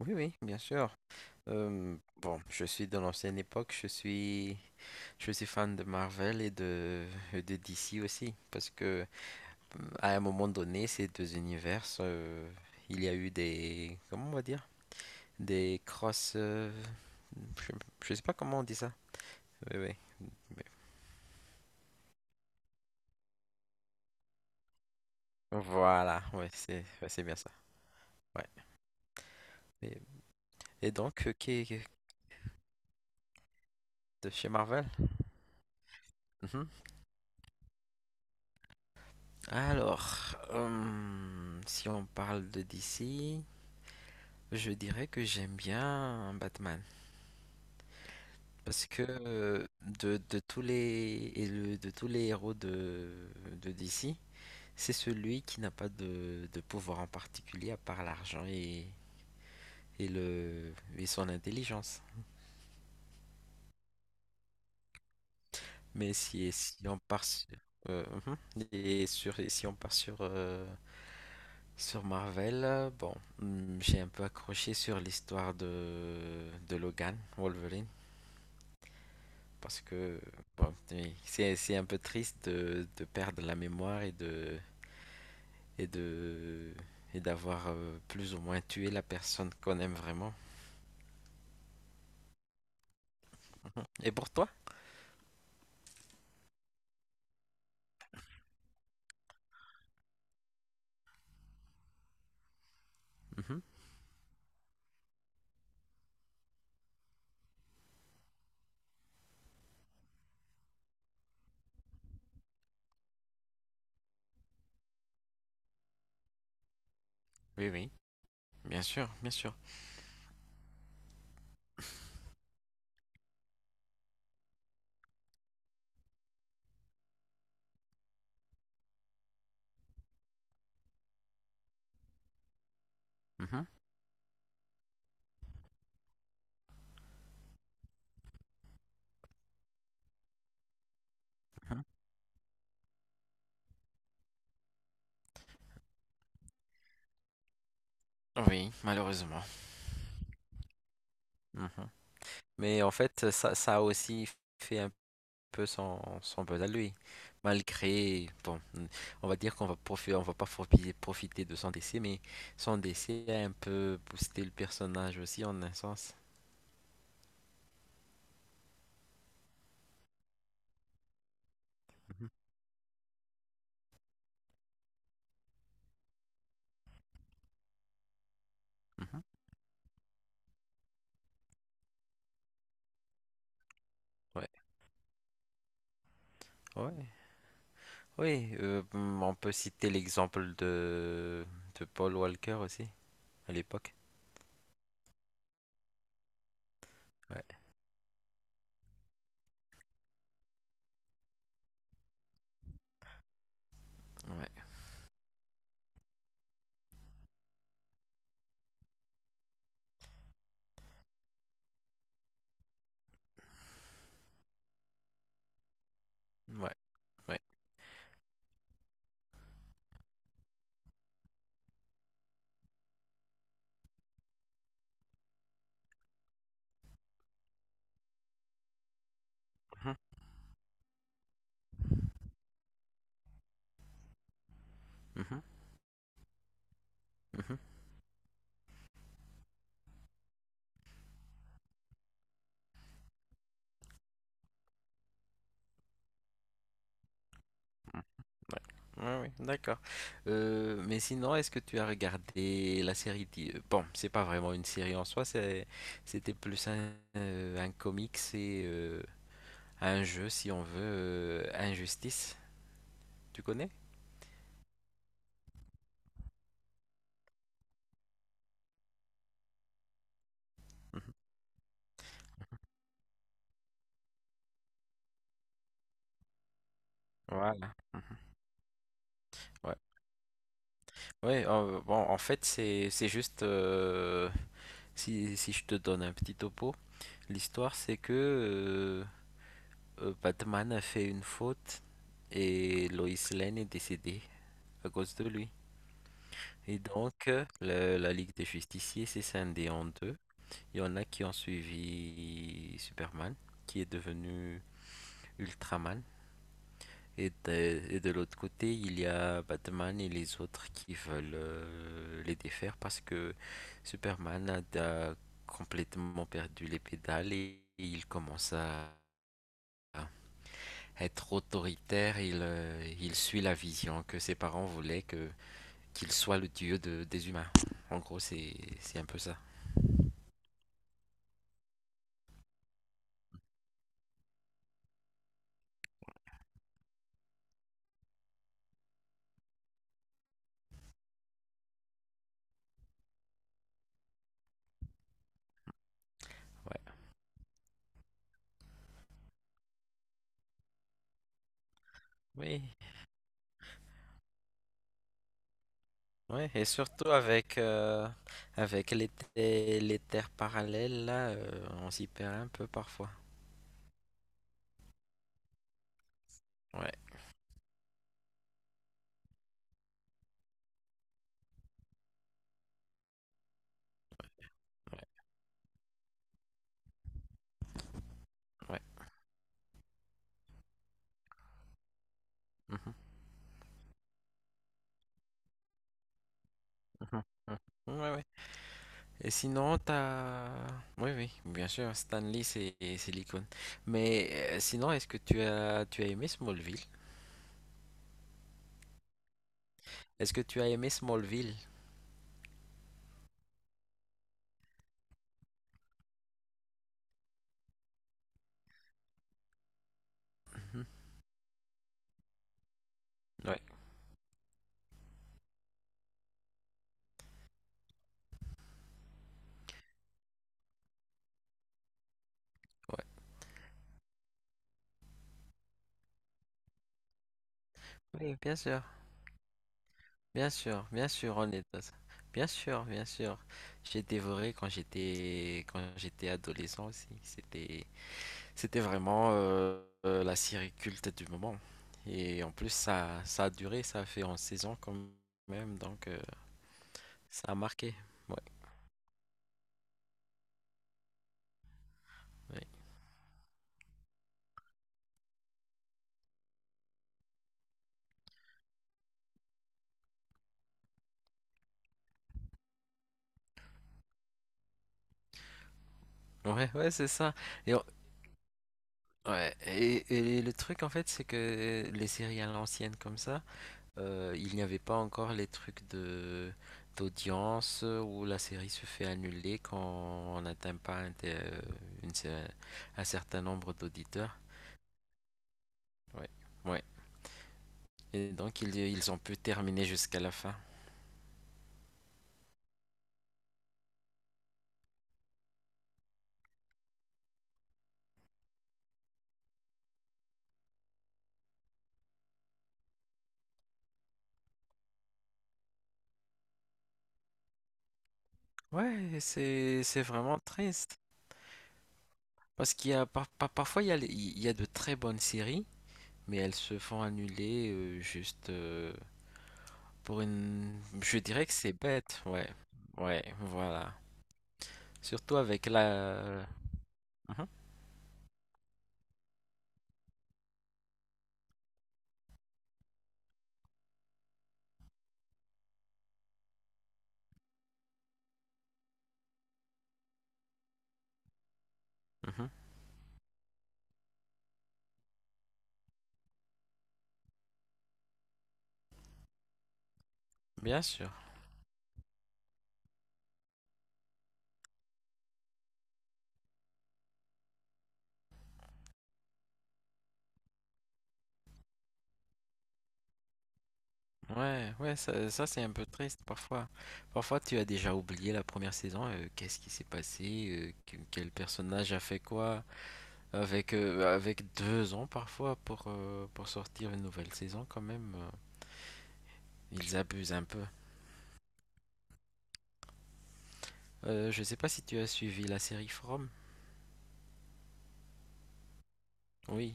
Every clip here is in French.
Oui, oui, bien sûr. Bon, je suis de l'ancienne époque, je suis fan de Marvel et de DC aussi, parce que à un moment donné, ces deux univers, il y a eu comment on va dire, des cross, je, je sais pas comment on dit ça. Oui, oui. mais- Voilà, ouais, c'est bien ça. Ouais. Et, et donc, de chez Marvel? Mhm. Alors, si on parle de DC. Je dirais que j'aime bien Batman parce que de tous de tous les héros de DC, c'est celui qui n'a pas de pouvoir en particulier à part l'argent et le et son intelligence. Mais si on part sur, mhm. et sur et si on part sur sur Marvel, bon, j'ai un peu accroché sur l'histoire de Logan, Wolverine. Parce que bon, oui, c'est un peu triste de perdre la mémoire et de et d'avoir plus ou moins tué la personne qu'on aime vraiment. Et pour toi? Mhm. Oui, oui, bien sûr, bien sûr. Mhm, mhm. Oui, malheureusement. Mhm. Mais en fait, ça a aussi fait un peu son buzz à lui. Malgré, bon, on va dire qu'on va profi- on va pas profi- profiter de son décès, mais son décès a un peu boosté le personnage aussi en un sens. Mhm, mhm. Ouais, ouais, oui. On peut citer l'exemple de Paul Walker aussi à l'époque. Ouais, ouais, ouais, ouais. Mhm, mhm, mhm. Ouais, ouais, ouais, d'accord. Mais sinon, est-ce que tu as regardé la série. Bon, c'est pas vraiment une série en soi, c'était plus un comics et un jeu, si on veut, Injustice. Tu connais? Mhm. Voilà. Mhm. Ouais. Ouais, bon, en fait, c'est juste si, si je te donne un petit topo, l'histoire c'est que Batman a fait une faute et Lois Lane est décédée à cause de lui. Et donc, la Ligue des Justiciers s'est scindée en deux. Il y en a qui ont suivi Superman, qui est devenu Ultraman. Et de, et de l'autre côté, il y a Batman et les autres qui veulent les défaire parce que a complètement perdu les pédales et il commence à être autoritaire. Il suit la vision que ses parents voulaient que qu'il soit le dieu des humains. En gros, c'est un peu ça. Ouais. Oui, ouais, et surtout avec les terres parallèles, là, on s'y perd un peu parfois. Ouais, ouais. ouais. mhm, mhm, mhm. Ouais, ouais. Et sinon, t'as... Oui, oui, bien sûr, Stanley, c'est l'icône. Mais sinon, est-ce que tu as aimé Smallville? Est-ce que tu as aimé Smallville? Mhm. Ouais, ouais. Oui, bien sûr. Bien sûr, bien sûr, on est dans ça. Bien sûr, bien sûr. J'ai dévoré quand j'étais adolescent aussi. C'était vraiment la série culte du moment. Et en plus ça a duré, ça a fait en saison quand même, donc ça a marqué. Ouais, ouais. Ouais, ouais, c'est ça. Et, on- ouais, et le truc en fait, c'est que les séries à l'ancienne comme ça, euh, il n'y avait pas encore les trucs de d'audience où la série se fait annuler quand on n'atteint pas une cer- un certain nombre d'auditeurs. Ouais. Ouais. Et donc ils ont pu terminer jusqu'à la fin. Ouais, c'est vraiment triste. Parce qu'il y a parfois il y il y a de très bonnes séries, mais elles se font annuler juste pour une... Je dirais que c'est bête, ouais. Ouais, voilà. Surtout avec la... Mhm. Mhm. Bien sûr. Ouais, ouais, ça, c'est un peu triste parfois. Parfois tu as déjà oublié la première saison, qu'est-ce qui s'est passé, quel personnage a fait quoi, avec deux ans parfois pour sortir une nouvelle saison quand même, ils abusent un peu. Je sais pas si tu as suivi la série From. Oui,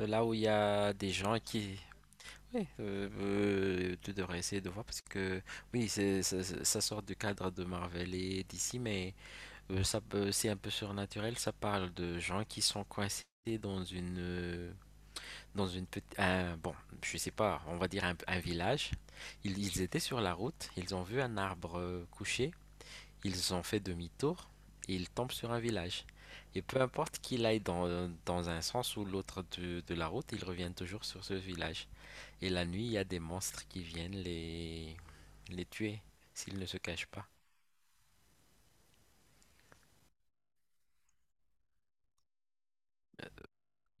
euh, là où il y a des gens qui... Oui, tu devrais essayer de voir parce que oui, c'est, ça, ça ça sort du cadre de Marvel et d'ici, mais... c'est un peu surnaturel, ça parle de gens qui sont coincés dans une euh, dans une bon, je sais pas, on va dire un village. Ils étaient sur la route, ils ont vu un arbre couché, ils ont fait demi-tour et ils tombent sur un village. Et peu importe qu'il aille dans un sens ou l'autre de la route, ils reviennent toujours sur ce village. Et la nuit, il y a des monstres qui viennent les tuer s'ils ne se cachent pas.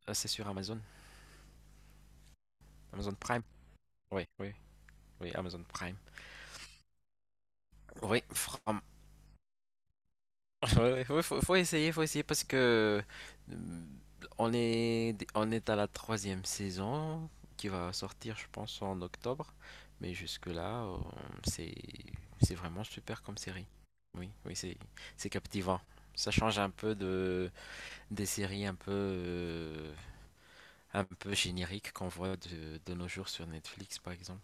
Ah, c'est sur Amazon, Amazon Prime. Oui, oui, Oui, Amazon Prime. Oui, ouais, ouais, ouais, faut essayer parce que euh, on est à la troisième saison qui va sortir, je pense, en octobre. Mais jusque-là, c'est, c'est vraiment super comme série. Oui, oui, c'est captivant. Ça change un peu des séries un peu génériques qu'on voit de nos jours sur Netflix, par exemple.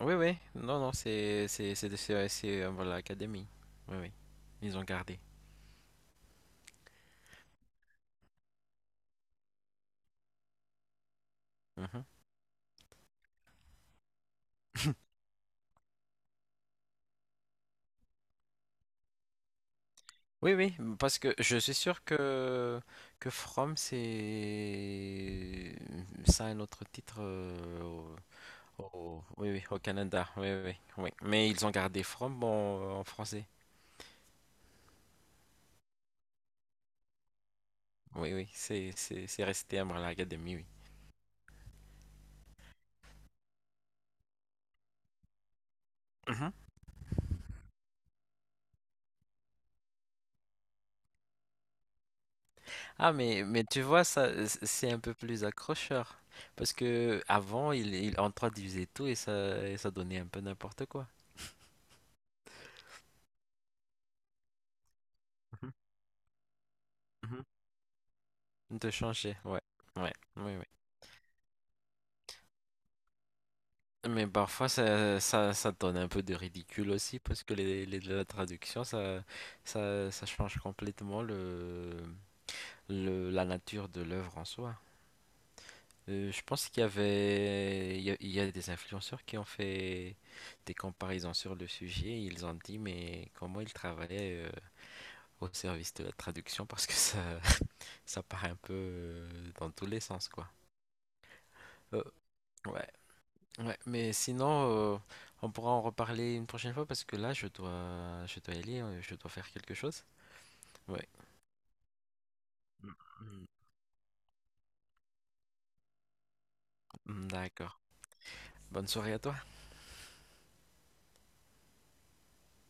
Oui, oui. Non, non, c'est, voilà, l'académie. Oui, oui. Ils ont gardé. Mhm. Oui, oui, parce que je suis sûr que From c'est ça a un autre titre au, oui, oui, au Canada. Oui, oui, oui. Mais ils ont gardé From en, en français. Oui, oui, c'est resté Umbrella Academy, oui. Mhm. Ah mais tu vois ça c'est un peu plus accrocheur parce que avant il introduisait tout et ça donnait un peu n'importe quoi. Mhm, mhm. De changer, ouais, ouais, oui, oui. Mais parfois ça, ça, ça donne un peu de ridicule aussi parce que la traduction ça, ça, ça change complètement la nature de l'œuvre en soi. Je pense qu'il y avait, il y a des influenceurs qui ont fait des comparaisons sur le sujet. Ils ont dit, mais comment ils travaillaient au service de la traduction parce que ça, ça part un peu dans tous les sens, quoi. Euh, ouais, ouais. Mais sinon, on pourra en reparler une prochaine fois parce que là, je dois y aller, je dois faire quelque chose. Ouais. Mm, mm, d'accord. Bonne soirée à toi.